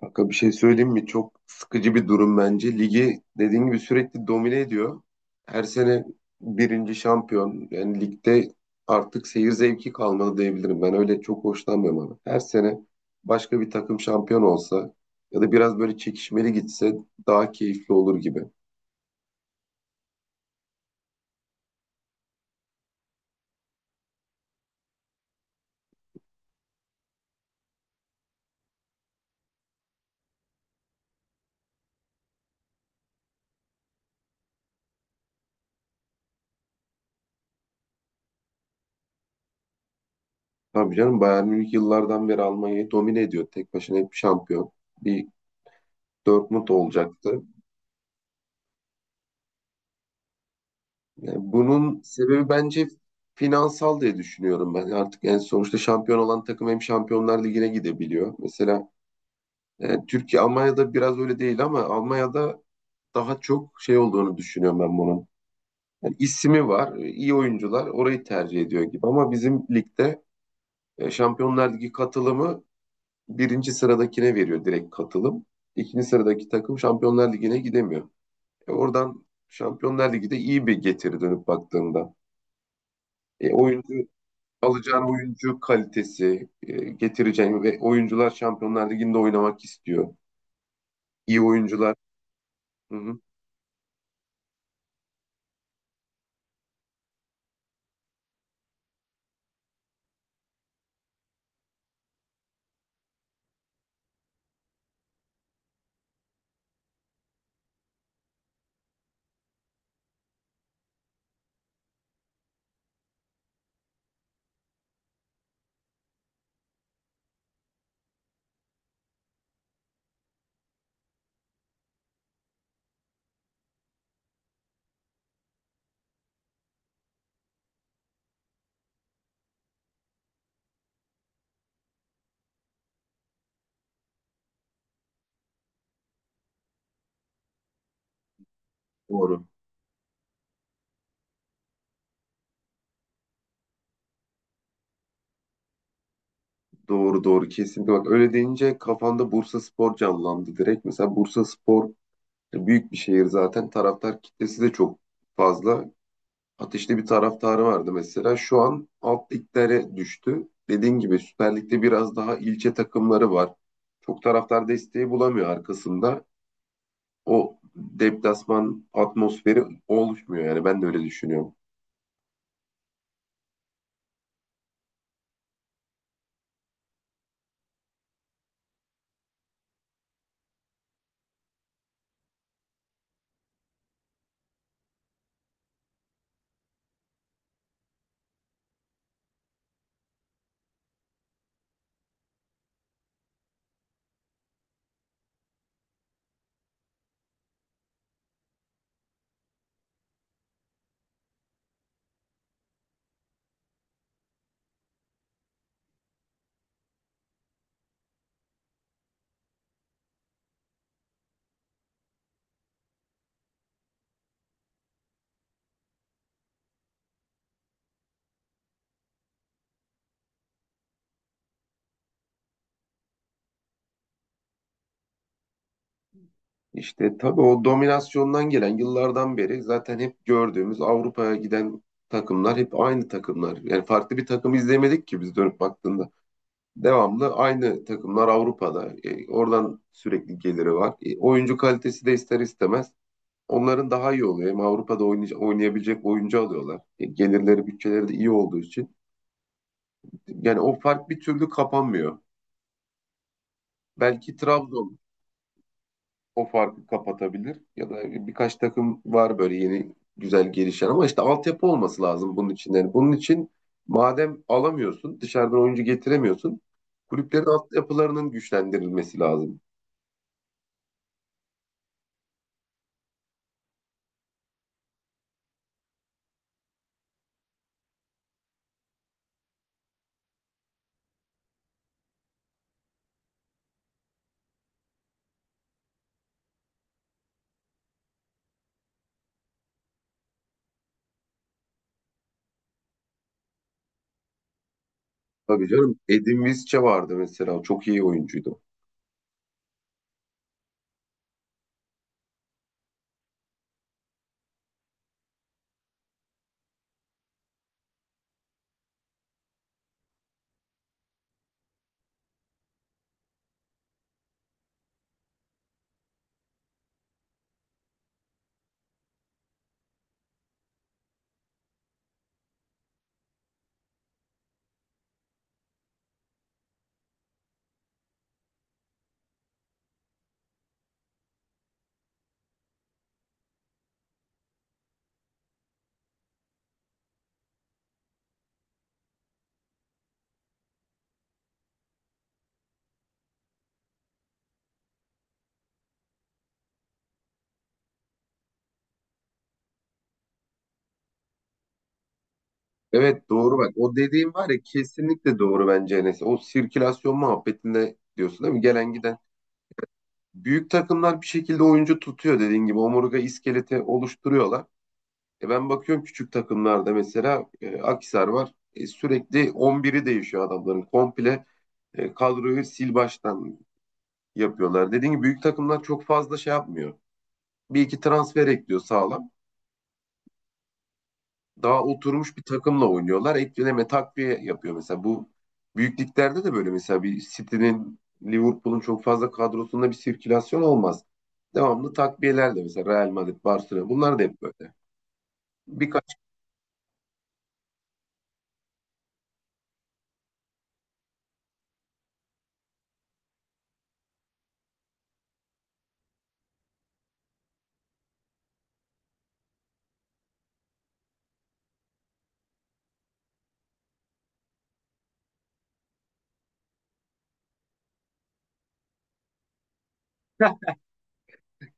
Kanka bir şey söyleyeyim mi? Çok sıkıcı bir durum bence. Ligi dediğin gibi sürekli domine ediyor. Her sene birinci şampiyon. Yani ligde artık seyir zevki kalmadı diyebilirim. Ben öyle çok hoşlanmıyorum abi. Her sene başka bir takım şampiyon olsa ya da biraz böyle çekişmeli gitse daha keyifli olur gibi. Tabii canım, Bayern Münih yıllardan beri Almanya'yı domine ediyor. Tek başına hep şampiyon. Bir Dortmund olacaktı. Yani bunun sebebi bence finansal diye düşünüyorum ben. Artık yani sonuçta şampiyon olan takım hem Şampiyonlar Ligi'ne gidebiliyor. Mesela Türkiye Almanya'da biraz öyle değil ama Almanya'da daha çok şey olduğunu düşünüyorum ben bunun. Yani ismi var, iyi oyuncular orayı tercih ediyor gibi ama bizim ligde Şampiyonlar Ligi katılımı birinci sıradakine veriyor direkt katılım. İkinci sıradaki takım Şampiyonlar Ligi'ne gidemiyor. Oradan Şampiyonlar Ligi'de iyi bir getiri dönüp baktığında. E, oyuncu alacağın oyuncu kalitesi, getireceğin ve oyuncular Şampiyonlar Ligi'nde oynamak istiyor. İyi oyuncular. Hı hı. Doğru. Doğru doğru kesinlikle. Bak öyle deyince kafamda Bursaspor canlandı direkt. Mesela Bursaspor büyük bir şehir zaten. Taraftar kitlesi de çok fazla. Ateşli bir taraftarı vardı mesela. Şu an alt liglere düştü. Dediğin gibi Süper Lig'de biraz daha ilçe takımları var. Çok taraftar desteği bulamıyor arkasında. O deplasman atmosferi oluşmuyor, yani ben de öyle düşünüyorum. İşte tabii o dominasyondan gelen yıllardan beri zaten hep gördüğümüz Avrupa'ya giden takımlar hep aynı takımlar. Yani farklı bir takım izlemedik ki biz dönüp baktığında. Devamlı aynı takımlar Avrupa'da. Oradan sürekli geliri var. Oyuncu kalitesi de ister istemez onların daha iyi oluyor. Hem Avrupa'da oynayabilecek oyuncu alıyorlar. Gelirleri, bütçeleri de iyi olduğu için. Yani o fark bir türlü kapanmıyor. Belki Trabzon o farkı kapatabilir. Ya da birkaç takım var böyle yeni güzel gelişen ama işte altyapı olması lazım bunun için. Yani bunun için madem alamıyorsun, dışarıdan oyuncu getiremiyorsun, kulüplerin altyapılarının güçlendirilmesi lazım. Tabii canım. Edin Visca vardı mesela. Çok iyi oyuncuydu. Evet doğru bak. O dediğin var ya, kesinlikle doğru bence Enes. O sirkülasyon muhabbetinde diyorsun değil mi? Gelen giden. Büyük takımlar bir şekilde oyuncu tutuyor dediğin gibi. Omurga iskeleti oluşturuyorlar. E ben bakıyorum küçük takımlarda mesela Akhisar var. E, sürekli 11'i değişiyor adamların. Komple kadroyu sil baştan yapıyorlar. Dediğim gibi büyük takımlar çok fazla şey yapmıyor. Bir iki transfer ekliyor sağlam. Daha oturmuş bir takımla oynuyorlar. Ekleme takviye yapıyor mesela. Bu büyük liglerde de böyle, mesela bir City'nin Liverpool'un çok fazla kadrosunda bir sirkülasyon olmaz. Devamlı takviyelerle mesela Real Madrid, Barcelona, bunlar da hep böyle. Birkaç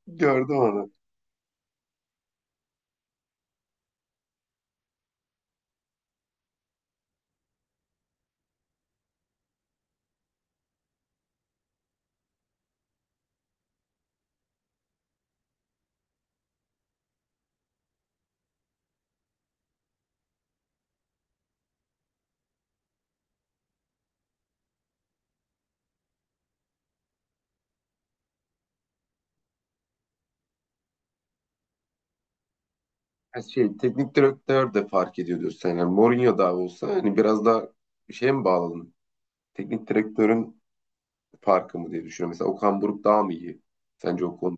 gördüm onu. Ha, şey, teknik direktör de fark ediyordur sen. Yani Mourinho daha olsa hani biraz daha şeye mi bağladın? Teknik direktörün farkı mı diye düşünüyorum. Mesela Okan Buruk daha mı iyi? Sence o konuda?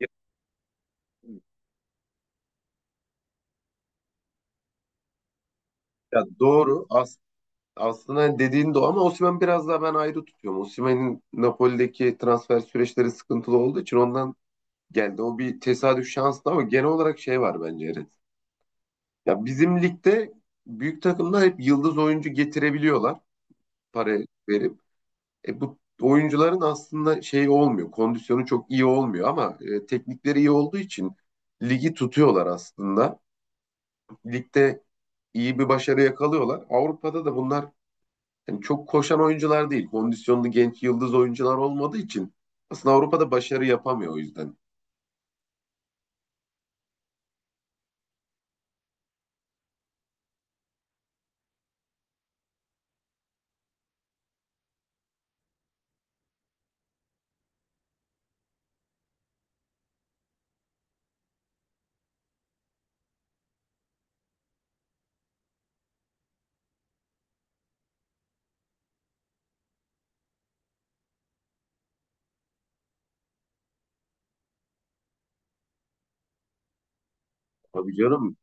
Ya, ya doğru. Aslında hani dediğin doğru ama Osimhen biraz daha ben ayrı tutuyorum. Osimhen'in Napoli'deki transfer süreçleri sıkıntılı olduğu için ondan geldi. O bir tesadüf şanslı ama genel olarak şey var bence Eren. Ya bizim ligde büyük takımlar hep yıldız oyuncu getirebiliyorlar, para verip. E, bu oyuncuların aslında şey olmuyor, kondisyonu çok iyi olmuyor ama teknikleri iyi olduğu için ligi tutuyorlar aslında. Ligde iyi bir başarı yakalıyorlar. Avrupa'da da bunlar yani çok koşan oyuncular değil, kondisyonlu genç yıldız oyuncular olmadığı için aslında Avrupa'da başarı yapamıyor o yüzden. Tabii canım.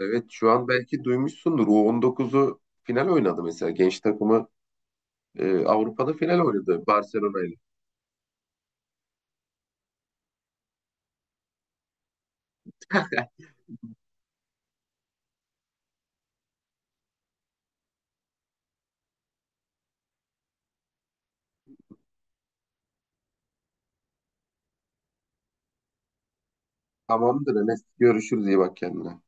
Evet şu an belki duymuşsundur. U19'u final oynadı mesela. Genç takımı Avrupa'da final oynadı Barcelona'yla. Tamamdır Enes. Görüşürüz. İyi bak kendine.